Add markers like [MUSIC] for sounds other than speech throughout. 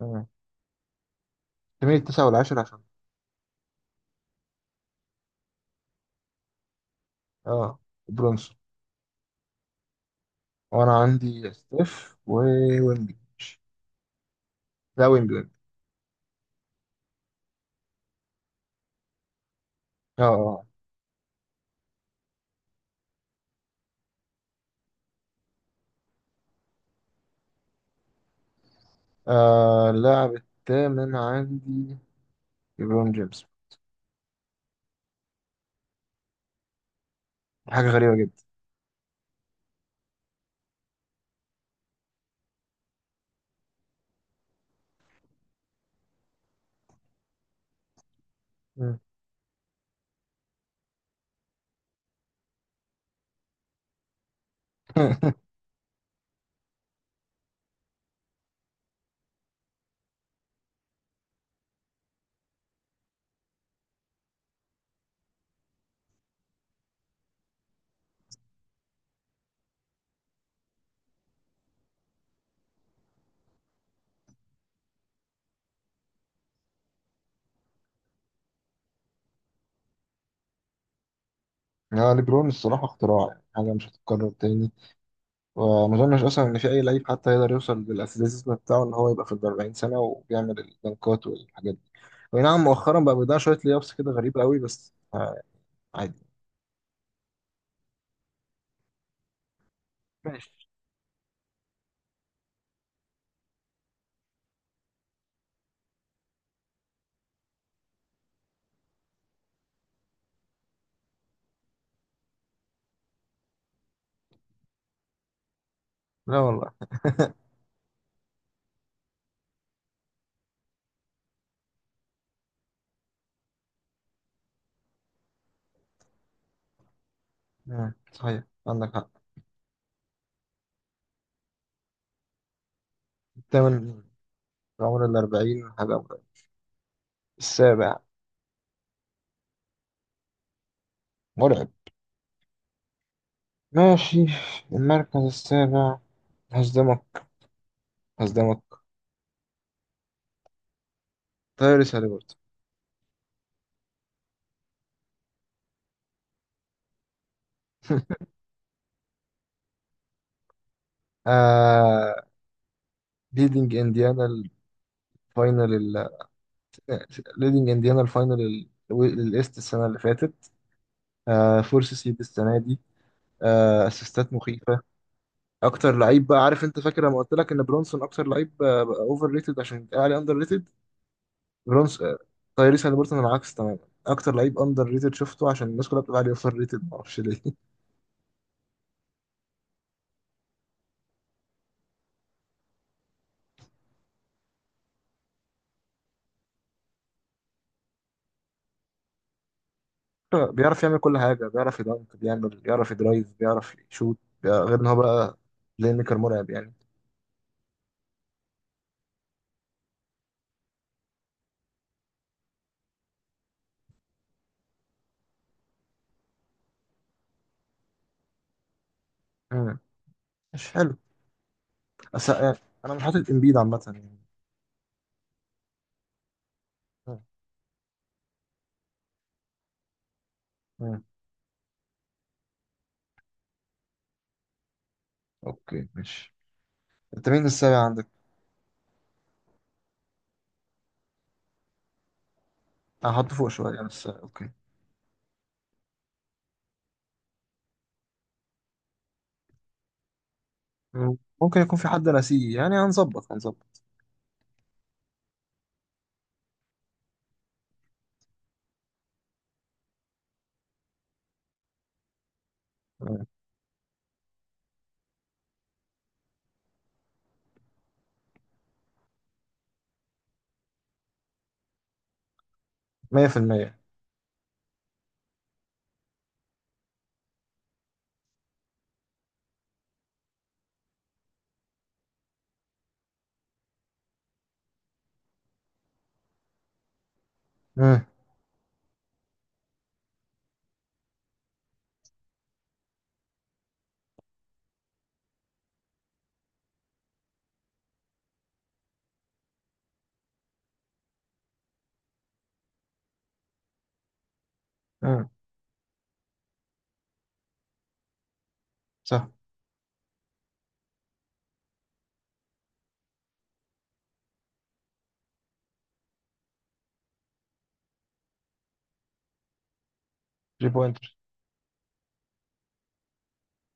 مم. تميل التسعة والعاشر عشان اه برونسون. وانا عندي ستيف وويمبي. لا، ويمبي ويمبي. اه اه اللاعب الثامن عندي ليبرون جيمس. حاجة غريبة جدا. مم. [LAUGHS] يعني ليبرون الصراحة اختراع، يعني حاجة مش هتتكرر تاني. وما أظنش أصلا إن في أي لعيب حتى يقدر يوصل بالأثليتيزم بتاعه إن هو يبقى في الأربعين سنة وبيعمل الدنكات والحاجات دي. وي نعم مؤخرا بقى بيضيع شوية ليابس كده، غريبة قوي، بس عادي. ماشي. لا والله. صحيح، عندك حق. الثامن. عمر الأربعين حاجة مرعبة. السابع. مرعب. ماشي. المركز السابع. هصدمك، هصدمك. تايريس هاليبرتون. [LAUGHS] آه، ليدنج انديانا الفاينل ال-، ليدنج انديانا الفاينل ال- الايست السنه اللي فاتت. آه، فورس سيد السنه دي. آه، اسيستات مخيفه. اكتر لعيب، بقى عارف؟ انت فاكر لما قلت لك ان برونسون اكتر لعيب اوفر ريتد عشان يتقال عليه اندر ريتد؟ برونس آه، تايريس هاليبرتون العكس تماما. اكتر لعيب اندر ريتد شفته، عشان الناس كلها بتبقى عليه اوفر ريتد، معرفش ليه. [LAUGHS] بيعرف يعمل كل حاجه، بيعرف يدنك، بيعمل، بيعرف يدرايف، بيعرف يشوت، بيع- غير ان هو بقى بلاي ميكر مرعب يعني. مم. مش حلو. بس انا مش حاطط امبيد عامه يعني. مم. مم. اوكي، ماشي. انت مين السابع عندك؟ هحطه فوق شويه يعني، بس آه، اوكي. ممكن يكون في حد ناسيه يعني. هنظبط، هنظبط. مم. 100%. مم. مم. صح. 3.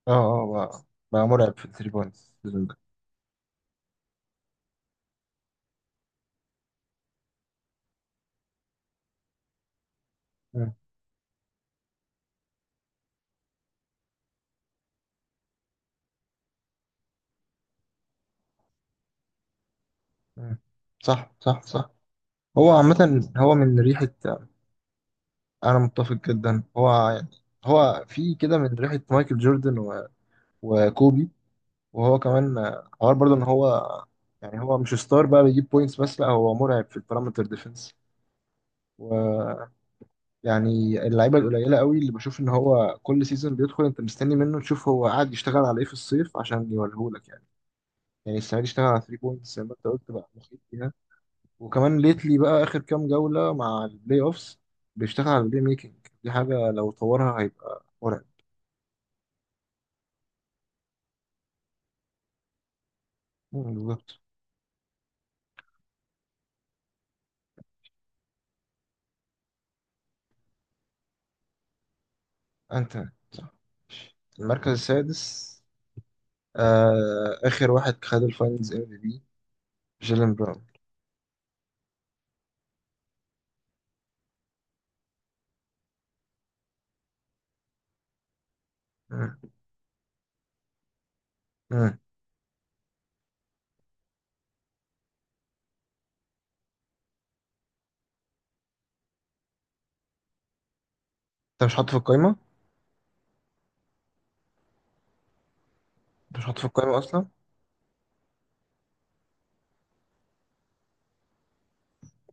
اه بقى، بقى مرعب في الثري بوينتس السيزون ده. مم. مم. صح، صح، صح. هو عامة هو من ريحة. أنا متفق جدا، هو يعني هو في كده من ريحة مايكل جوردن و... وكوبي. وهو كمان حوار برضه إن هو يعني هو مش ستار بقى بيجيب بوينتس بس، لا هو مرعب في البارامتر ديفنس. ويعني اللعيبة القليلة قوي اللي بشوف إن هو كل سيزون بيدخل أنت مستني منه تشوف هو قاعد يشتغل على إيه في الصيف عشان يوريهولك يعني. يعني السنة دي اشتغل على 3 بوينتس زي ما أنت قلت، بقى مخيف. وكمان ليتلي بقى اخر كام جوله مع البلاي اوفس بيشتغل على البلاي ميكنج. دي حاجه لو طورها هيبقى مرعب. مم، بالظبط. انت. صح. المركز السادس. آه، اخر واحد خد الفاينلز ام في بي، جيلين براون. مم. مم. انت مش حاطه في القايمه. انت مش حاطه في القايمه اصلا.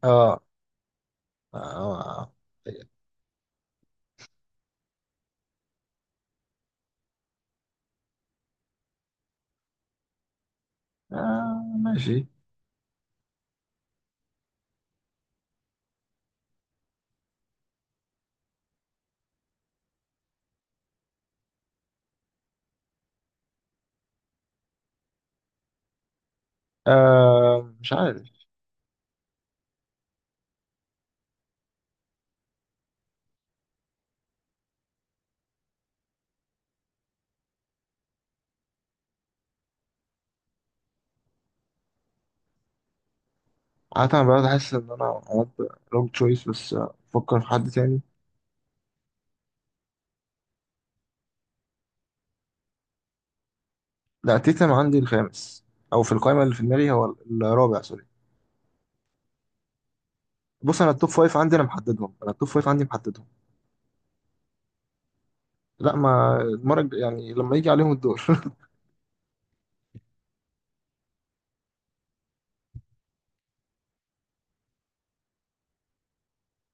اه اه, آه. ماشي. آه، مش عارف. عادة انا بقعد احس ان انا عملت روج تشويس، بس افكر في حد تاني. لا، تيتم عندي الخامس. او في القائمه اللي في دماغي هو الرابع، سوري. بص، انا التوب فايف عندي انا محددهم، انا التوب فايف عندي محددهم. لا ما المره الج- يعني لما يجي عليهم الدور. [LAUGHS]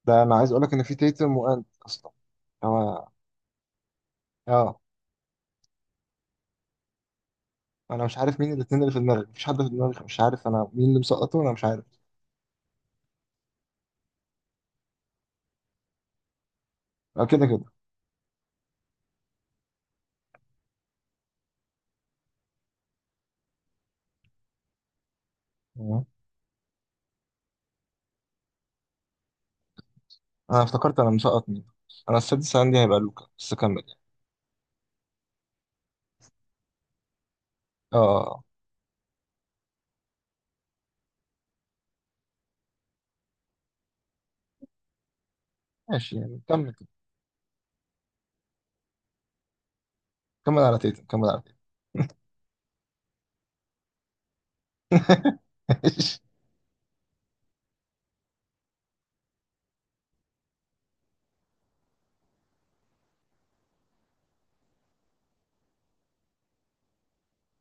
ده انا عايز اقول لك ان في تيتم وانت اصلا هو. اه. انا مش عارف مين الاثنين اللي في دماغي، مفيش حد في دماغي، مش عارف انا مين اللي مسقطه، انا مش عارف. اه، كده كده. اه. انا افتكرت انا مسقط مين. انا السادس عندي هيبقى لوكا، بس كمل يعني. اه آه، آه. ماشي، يعني كمل كده. كمل على تيتم، كمل على تيتم. [LAUGHS] ماشي.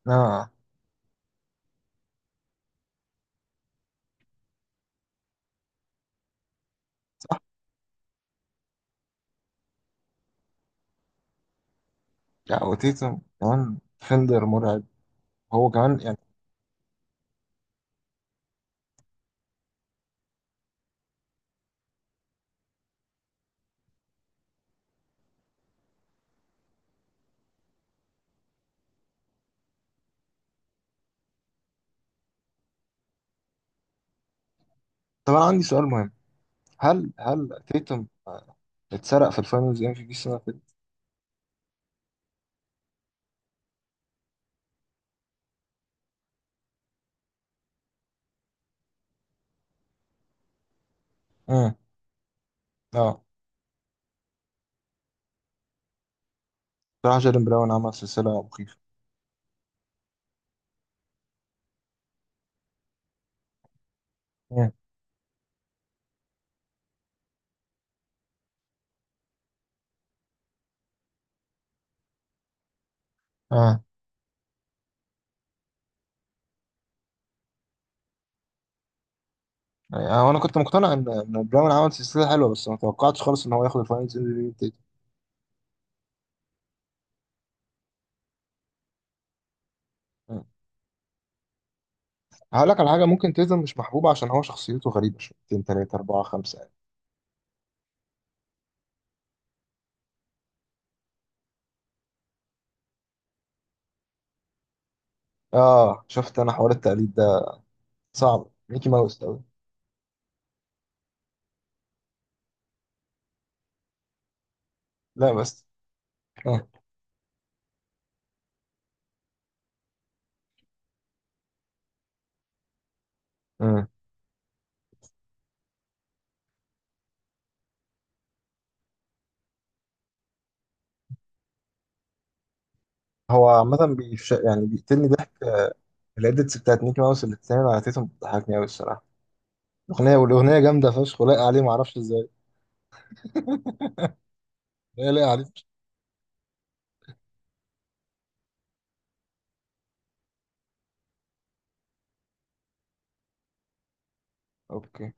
اه. لا وتيتم كمان ديفندر مرعب. هو كمان يعني. طب انا عندي سؤال مهم. هل تيتم اتسرق في الفاينلز ام في بي السنه اللي فاتت؟ امم اه. بصراحه جيرين براون عمل سلسله مخيفه. امم اه. يعني انا كنت مقتنع ان براون عمل سلسله حلوه، بس ما توقعتش خالص ان هو ياخد الفاينلز ام في بي من تيتم. مم. هقول لك على حاجه: ممكن تيتم مش محبوب عشان هو شخصيته غريبه شويتين، تلاته، اربعه، خمسه يعني. اه، شفت انا حوار التقليد ده. صعب ميكي ماوس قوي. لا بس. اه. مم. هو عامة بيش... يعني بيقتلني ضحك الإديتس بتاعت ميكي ماوس اللي بتتعمل على تيتم بتضحكني أوي الصراحة. الأغنية، والأغنية جامدة فشخ ولايقة عليه معرفش إزاي. هي لايقة عليه فشخ. أوكي